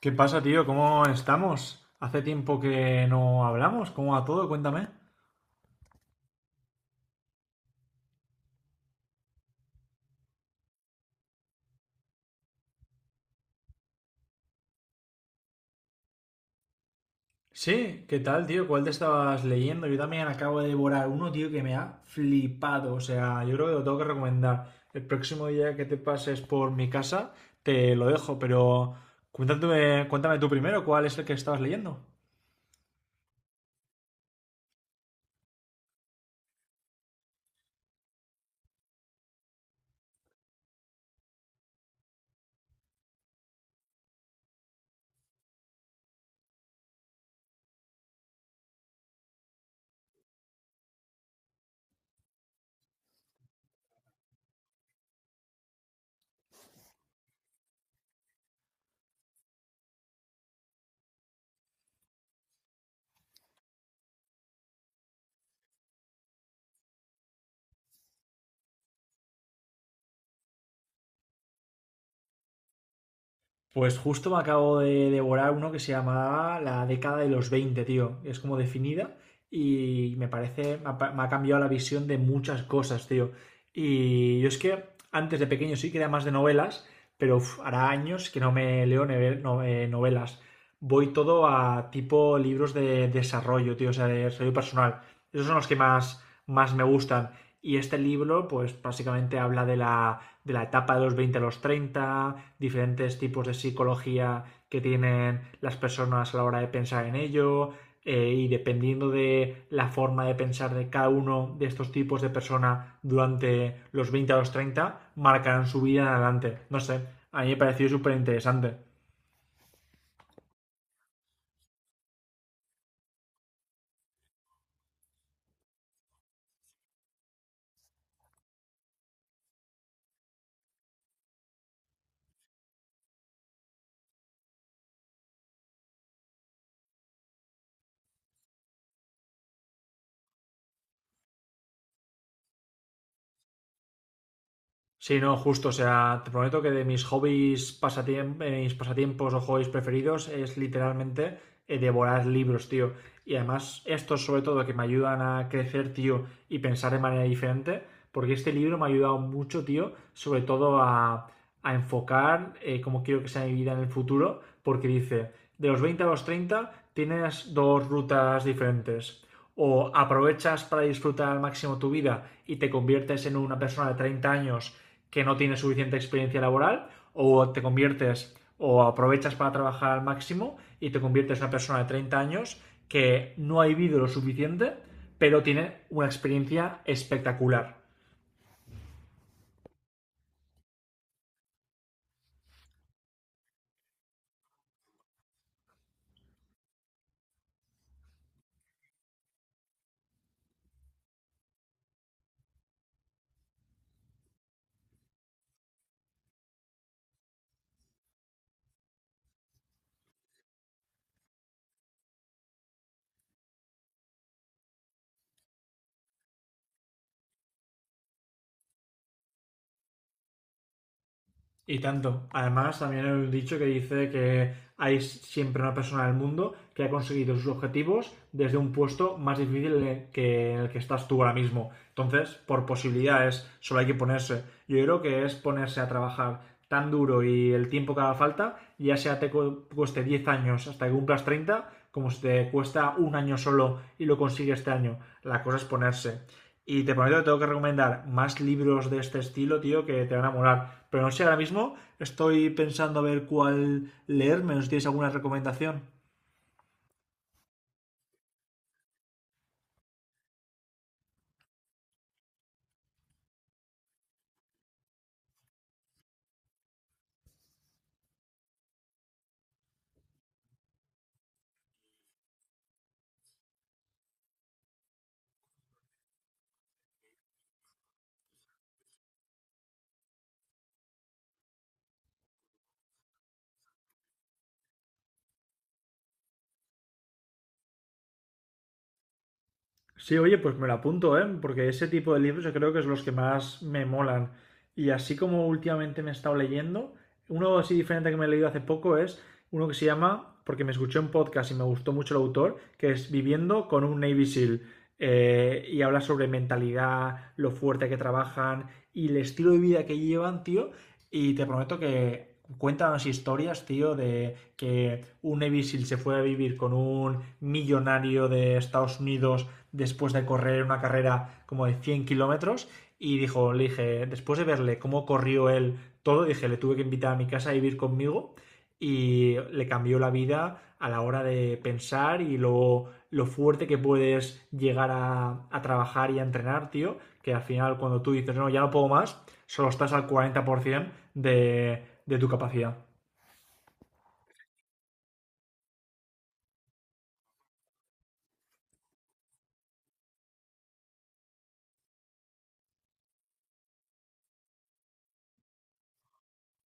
¿Qué pasa, tío? ¿Cómo estamos? Hace tiempo que no hablamos. ¿Cómo va todo? Cuéntame. Sí, ¿qué tal, tío? ¿Cuál te estabas leyendo? Yo también acabo de devorar uno, tío, que me ha flipado. O sea, yo creo que lo tengo que recomendar. El próximo día que te pases por mi casa, te lo dejo, pero cuéntame, cuéntame tú primero cuál es el que estabas leyendo. Pues justo me acabo de devorar uno que se llama La Década de los 20, tío. Es como definida y me parece, me ha, me ha cambiado la visión de muchas cosas, tío. Y yo es que antes de pequeño sí que era más de novelas, pero uf, hará años que no me leo novelas. Voy todo a tipo libros de desarrollo, tío, o sea, de desarrollo personal. Esos son los que más, más me gustan. Y este libro, pues básicamente habla de la etapa de los 20 a los treinta, diferentes tipos de psicología que tienen las personas a la hora de pensar en ello, y dependiendo de la forma de pensar de cada uno de estos tipos de persona durante los 20 a los 30 marcarán su vida en adelante. No sé, a mí me pareció súper interesante. Sí, no, justo. O sea, te prometo que de mis hobbies, mis pasatiempos o hobbies preferidos es literalmente devorar libros, tío. Y además, estos sobre todo que me ayudan a crecer, tío, y pensar de manera diferente, porque este libro me ha ayudado mucho, tío, sobre todo a enfocar cómo quiero que sea mi vida en el futuro, porque dice, de los 20 a los 30 tienes dos rutas diferentes. O aprovechas para disfrutar al máximo tu vida y te conviertes en una persona de 30 años que no tiene suficiente experiencia laboral, o te conviertes o aprovechas para trabajar al máximo y te conviertes en una persona de 30 años que no ha vivido lo suficiente, pero tiene una experiencia espectacular. Y tanto. Además, también hay un dicho que dice que hay siempre una persona del mundo que ha conseguido sus objetivos desde un puesto más difícil que en el que estás tú ahora mismo. Entonces, por posibilidades, solo hay que ponerse. Yo creo que es ponerse a trabajar tan duro y el tiempo que haga falta, ya sea te cueste 10 años hasta que cumplas 30, como si te cuesta un año solo y lo consigues este año. La cosa es ponerse. Y te prometo que tengo que recomendar más libros de este estilo, tío, que te van a molar. Pero no sé, ahora mismo estoy pensando a ver cuál leerme. No sé si tienes alguna recomendación. Sí, oye, pues me lo apunto, ¿eh? Porque ese tipo de libros yo creo que es los que más me molan. Y así como últimamente me he estado leyendo, uno así diferente que me he leído hace poco es uno que se llama, porque me escuché un podcast y me gustó mucho el autor, que es Viviendo con un Navy SEAL. Y habla sobre mentalidad, lo fuerte que trabajan y el estilo de vida que llevan, tío. Y te prometo que cuentan las historias, tío, de que un Navy SEAL se fue a vivir con un millonario de Estados Unidos después de correr una carrera como de 100 kilómetros y dijo, le dije, después de verle cómo corrió él todo, dije, le tuve que invitar a mi casa a vivir conmigo y le cambió la vida a la hora de pensar y lo fuerte que puedes llegar a trabajar y a entrenar, tío, que al final cuando tú dices, no, ya no puedo más, solo estás al 40% de tu capacidad.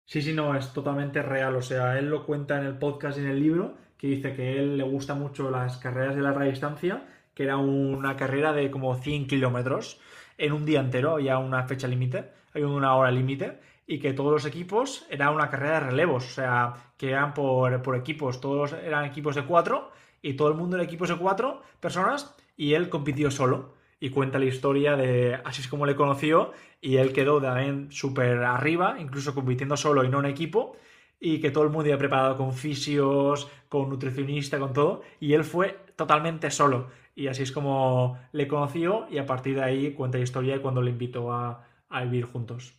Sí, sí, no, es totalmente real. O sea, él lo cuenta en el podcast y en el libro, que dice que a él le gusta mucho las carreras de larga distancia, que era una carrera de como 100 kilómetros en un día entero, había una fecha límite, había una hora límite, y que todos los equipos era una carrera de relevos, o sea, que eran por equipos, todos eran equipos de cuatro, y todo el mundo era equipos de cuatro personas, y él compitió solo. Y cuenta la historia de así es como le conoció y él quedó también súper arriba, incluso compitiendo solo y no en equipo, y que todo el mundo iba preparado con fisios, con nutricionista, con todo, y él fue totalmente solo. Y así es como le conoció y a partir de ahí cuenta la historia de cuando le invitó a vivir juntos.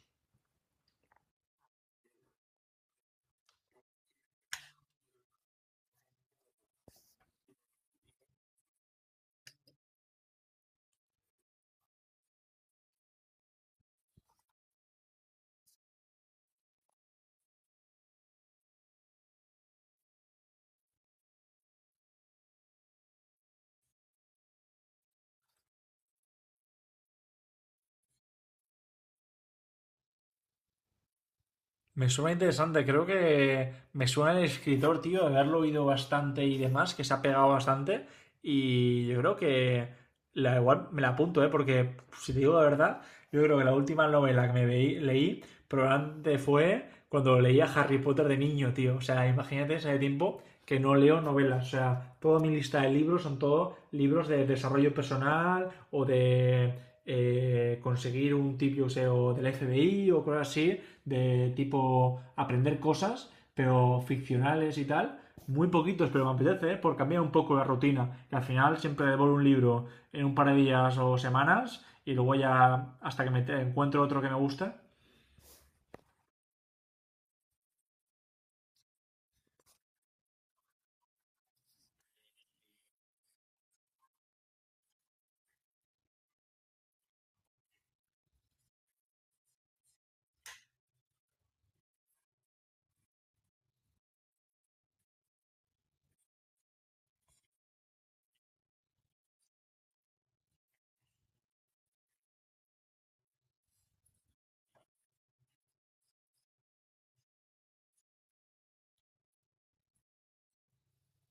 Me suena interesante, creo que me suena el escritor, tío, de haberlo oído bastante y demás, que se ha pegado bastante. Y yo creo que la igual me la apunto, ¿eh? Porque si te digo la verdad, yo creo que la última novela que me leí probablemente fue cuando leía Harry Potter de niño, tío. O sea, imagínate ese tiempo que no leo novelas. O sea, toda mi lista de libros son todos libros de desarrollo personal o de conseguir un tip, yo sé, o del FBI o cosas así de tipo aprender cosas, pero ficcionales y tal. Muy poquitos, pero me apetece, ¿eh?, por cambiar un poco la rutina. Que al final siempre devoro un libro en un par de días o semanas y luego ya hasta que me encuentro otro que me gusta.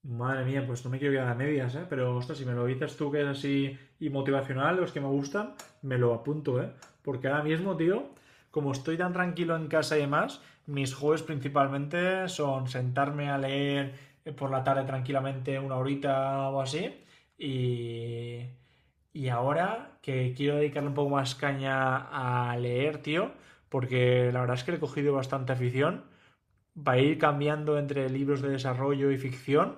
Madre mía, pues no me quiero quedar a medias, ¿eh? Pero, ostras, si me lo dices tú que es así y motivacional, los que me gustan, me lo apunto, ¿eh? Porque ahora mismo, tío, como estoy tan tranquilo en casa y demás, mis hobbies principalmente son sentarme a leer por la tarde tranquilamente una horita o así. Y, y ahora que quiero dedicarle un poco más caña a leer, tío, porque la verdad es que le he cogido bastante afición, va a ir cambiando entre libros de desarrollo y ficción.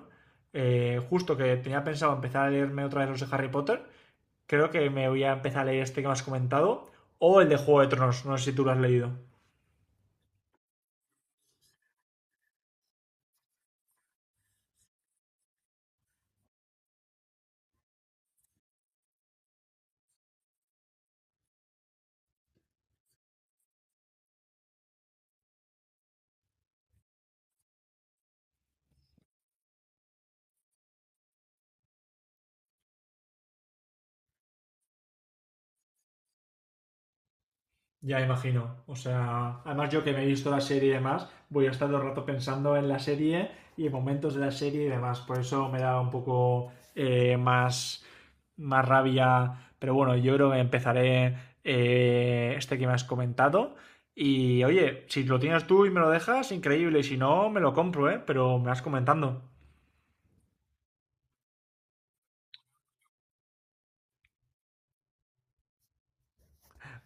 Justo que tenía pensado empezar a leerme otra vez los de Harry Potter, creo que me voy a empezar a leer este que me has comentado, o el de Juego de Tronos, no sé si tú lo has leído. Ya imagino. O sea, además yo que me he visto la serie y demás, voy a estar todo el rato pensando en la serie y en momentos de la serie y demás. Por eso me da un poco más rabia. Pero bueno, yo creo que empezaré este que me has comentado. Y oye, si lo tienes tú y me lo dejas, increíble. Y si no, me lo compro, ¿eh? Pero me vas comentando.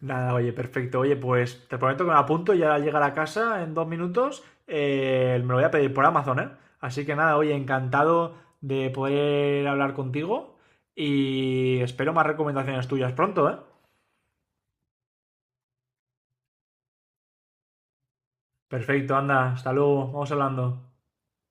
Nada, oye, perfecto. Oye, pues te prometo que me lo apunto y al llegar a casa en 2 minutos me lo voy a pedir por Amazon, ¿eh? Así que nada, oye, encantado de poder hablar contigo y espero más recomendaciones tuyas pronto, ¿eh? Perfecto, anda, hasta luego, vamos hablando.